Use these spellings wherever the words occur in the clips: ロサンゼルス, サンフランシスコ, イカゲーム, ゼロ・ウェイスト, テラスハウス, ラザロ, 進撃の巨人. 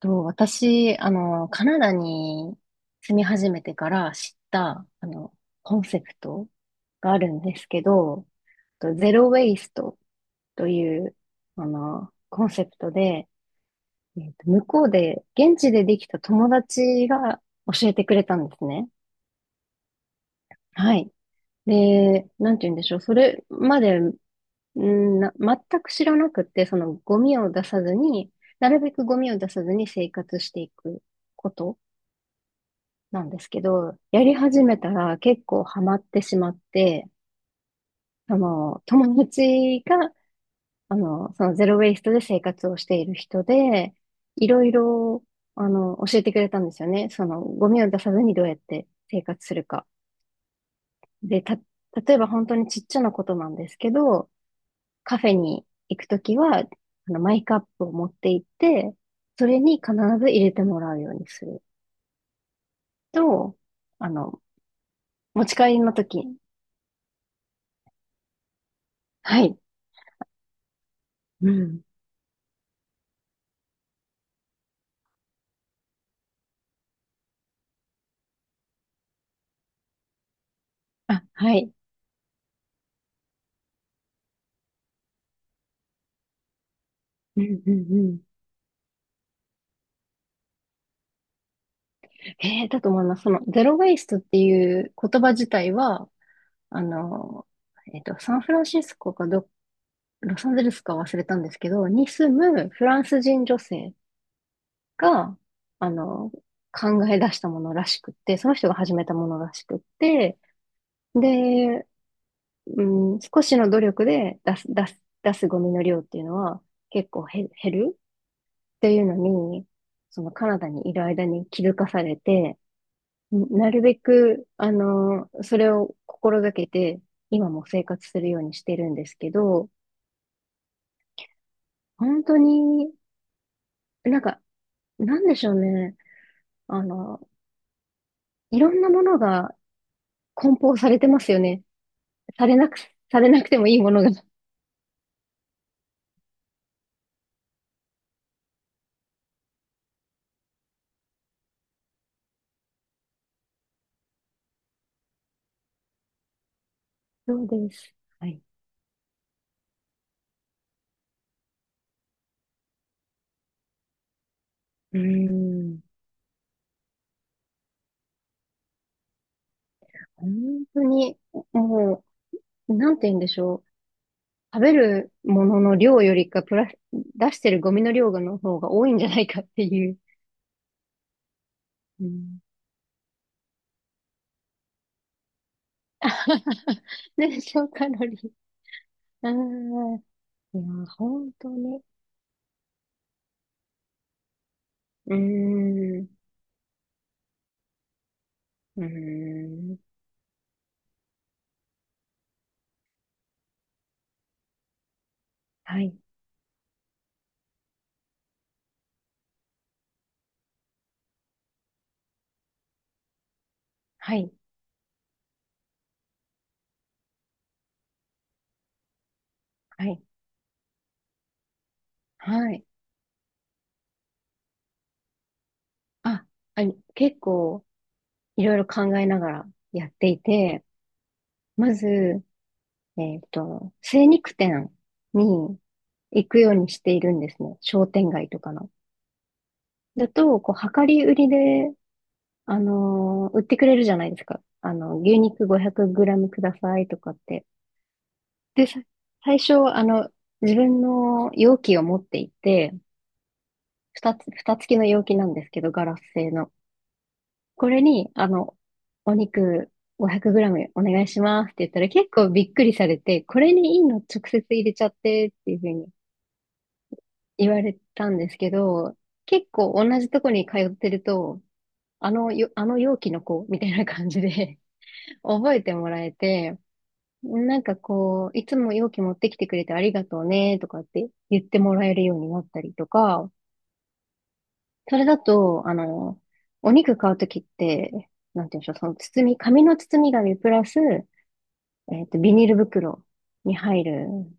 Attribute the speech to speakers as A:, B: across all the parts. A: と、私、カナダに住み始めてから知った、コンセプトがあるんですけど、とゼロ・ウェイストという、コンセプトで、向こうで、現地でできた友達が教えてくれたんですね。はい。で、なんて言うんでしょう。それまで、全く知らなくて、そのゴミを出さずに、なるべくゴミを出さずに生活していくこと。なんですけど、やり始めたら結構ハマってしまって、友達が、そのゼロウェイストで生活をしている人で、いろいろ、教えてくれたんですよね。その、ゴミを出さずにどうやって生活するか。で、例えば本当にちっちゃなことなんですけど、カフェに行くときは、マイカップを持って行って、それに必ず入れてもらうようにすると、あの、持ち帰りのとき、はい。うん、あ、はい。うん、うん、うん。ええだと思います。その、ゼロ・ウェイストっていう言葉自体は、あの、サンフランシスコか、ロサンゼルスか忘れたんですけど、に住むフランス人女性が、あの、考え出したものらしくって、その人が始めたものらしくって、で、う少しの努力で出すゴミの量っていうのは結構減るっていうのに、そのカナダにいる間に気づかされて、なるべく、それを心がけて、今も生活するようにしてるんですけど、本当に、なんか、なんでしょうね。あの、いろんなものが梱包されてますよね。されなく、されなくてもいいものが。そうです。はい。うーん。本当に、もう、なんて言うんでしょう。食べるものの量よりか、プラス、出してるゴミの量の方が多いんじゃないかっていう。うん 燃焼カロリー。ああ、いや、本当に。うーん、うーん。はい、はい、はい、はい。あ、結構、いろいろ考えながらやっていて、まず、精肉店に行くようにしているんですね。商店街とかの。だと、こう、量り売りで、売ってくれるじゃないですか。牛肉 500g グラムくださいとかって。で、最初、自分の容器を持っていて、二つ、蓋付きの容器なんですけど、ガラス製の。これに、お肉 500g お願いしますって言ったら結構びっくりされて、これにいいの直接入れちゃってっていうふうに言われたんですけど、結構同じとこに通ってると、あのよ、あの容器の子みたいな感じで 覚えてもらえて、なんかこう、いつも容器持ってきてくれてありがとうねとかって言ってもらえるようになったりとか、それだと、お肉買うときって、なんて言うんでしょう、その包み、紙の包み紙プラス、ビニール袋に入るん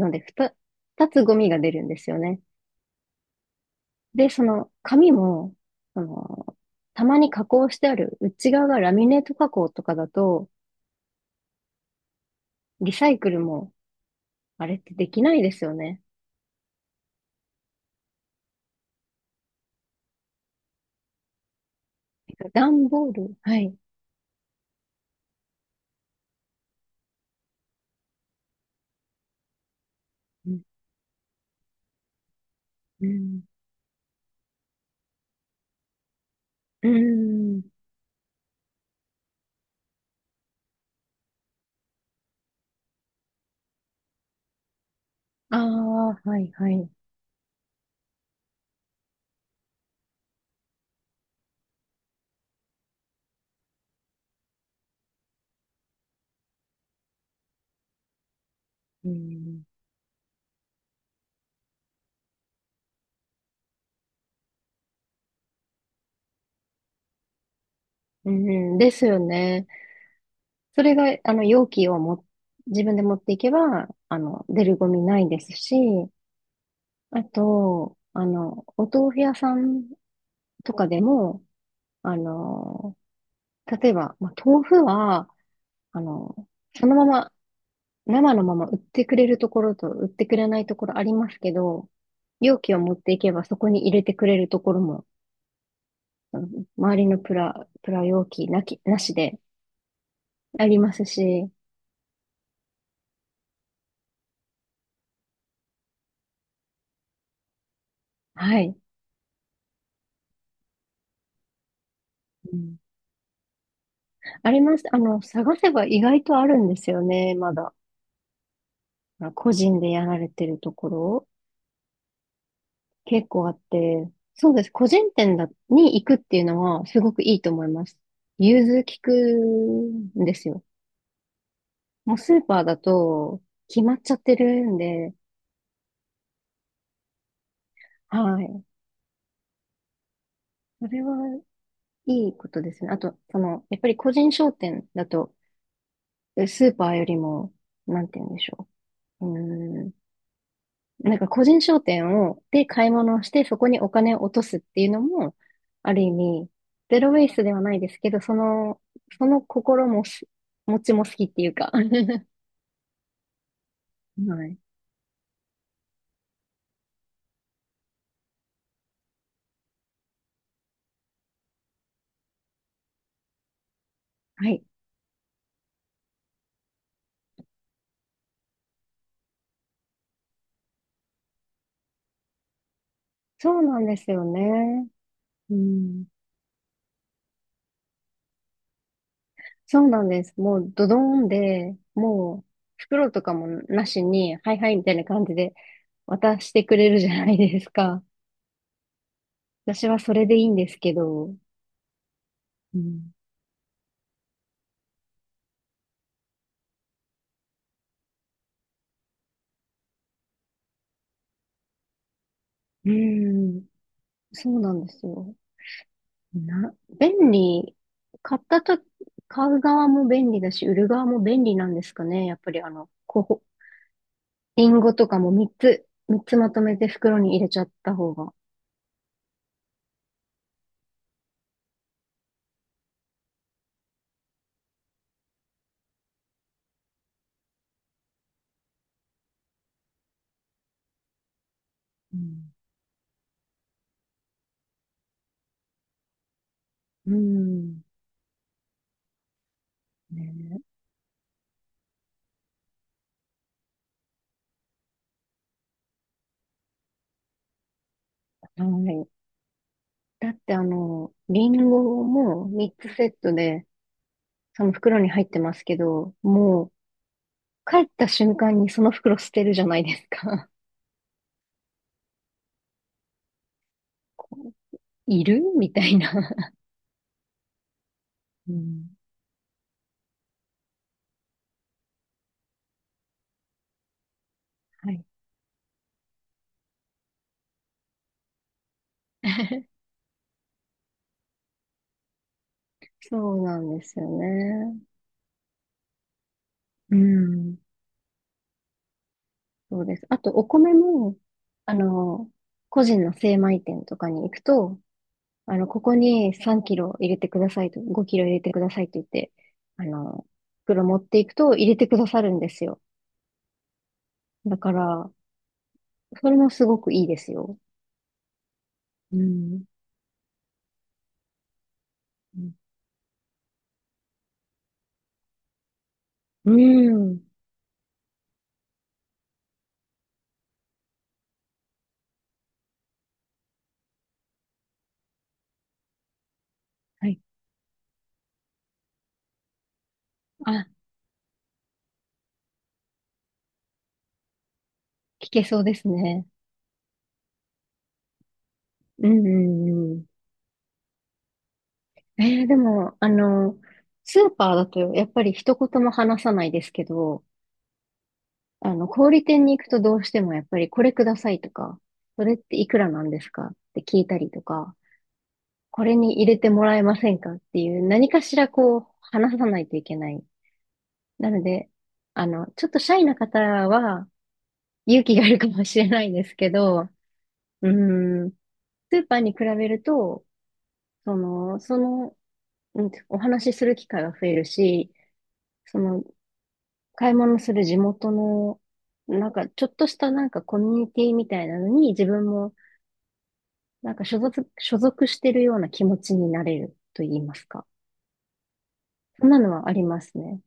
A: ので、二つゴミが出るんですよね。で、その紙も、あの、たまに加工してある内側がラミネート加工とかだと、リサイクルも、あれってできないですよね。段ボール、はい。うん、うん、うん。ああ、はいはい。うん、うん、ですよね。それが、容器をも、自分で持っていけば、出るゴミないですし、あと、お豆腐屋さんとかでも、あの、例えば、まあ、豆腐は、あの、そのまま、生のまま売ってくれるところと売ってくれないところありますけど、容器を持っていけばそこに入れてくれるところもあの周りのプラ容器なしでありますし、はい。うん、あります。探せば意外とあるんですよね、まだ。個人でやられてるところ、結構あって、そうです。個人店に行くっていうのは、すごくいいと思います。融通きくんですよ。もうスーパーだと、決まっちゃってるんで、はい。それは、いいことですね。あと、その、やっぱり個人商店だと、でスーパーよりも、なんて言うんでしょう。うーん。なんか個人商店を、で買い物をして、そこにお金を落とすっていうのも、ある意味、ゼロウェイスではないですけど、その、その心もし、持ちも好きっていうか。はい。はい。そうなんですよね。うん。そうなんです。もうドドーンで、もう袋とかもなしに、はいはいみたいな感じで渡してくれるじゃないですか。私はそれでいいんですけど。うんうーん、そうなんですよ。な、便利、買ったと、買う側も便利だし、売る側も便利なんですかね。やっぱりこう、リンゴとかも3つまとめて袋に入れちゃった方が。うん。うーん、ねえ、はい。だってリンゴも3つセットで、その袋に入ってますけど、もう、帰った瞬間にその袋捨てるじゃないですか。いるみたいな。うん。はい。そうなんですよね。うん。そうです。あと、お米も、あの、個人の精米店とかに行くと、ここに3キロ入れてくださいと、5キロ入れてくださいって言って、あの、袋持っていくと入れてくださるんですよ。だから、それもすごくいいですよ。うん。うん。うん、はい。あ、聞けそうですね。うん、うん、うん。でも、スーパーだとやっぱり一言も話さないですけど、小売店に行くとどうしてもやっぱりこれくださいとか、それっていくらなんですかって聞いたりとか、これに入れてもらえませんかっていう何かしらこう話さないといけない。なので、ちょっとシャイな方は勇気がいるかもしれないですけど、うーん、スーパーに比べると、その、うんお話しする機会が増えるし、その、買い物する地元の、なんか、ちょっとしたなんかコミュニティみたいなのに自分もなんか所属してるような気持ちになれると言いますか。そんなのはありますね。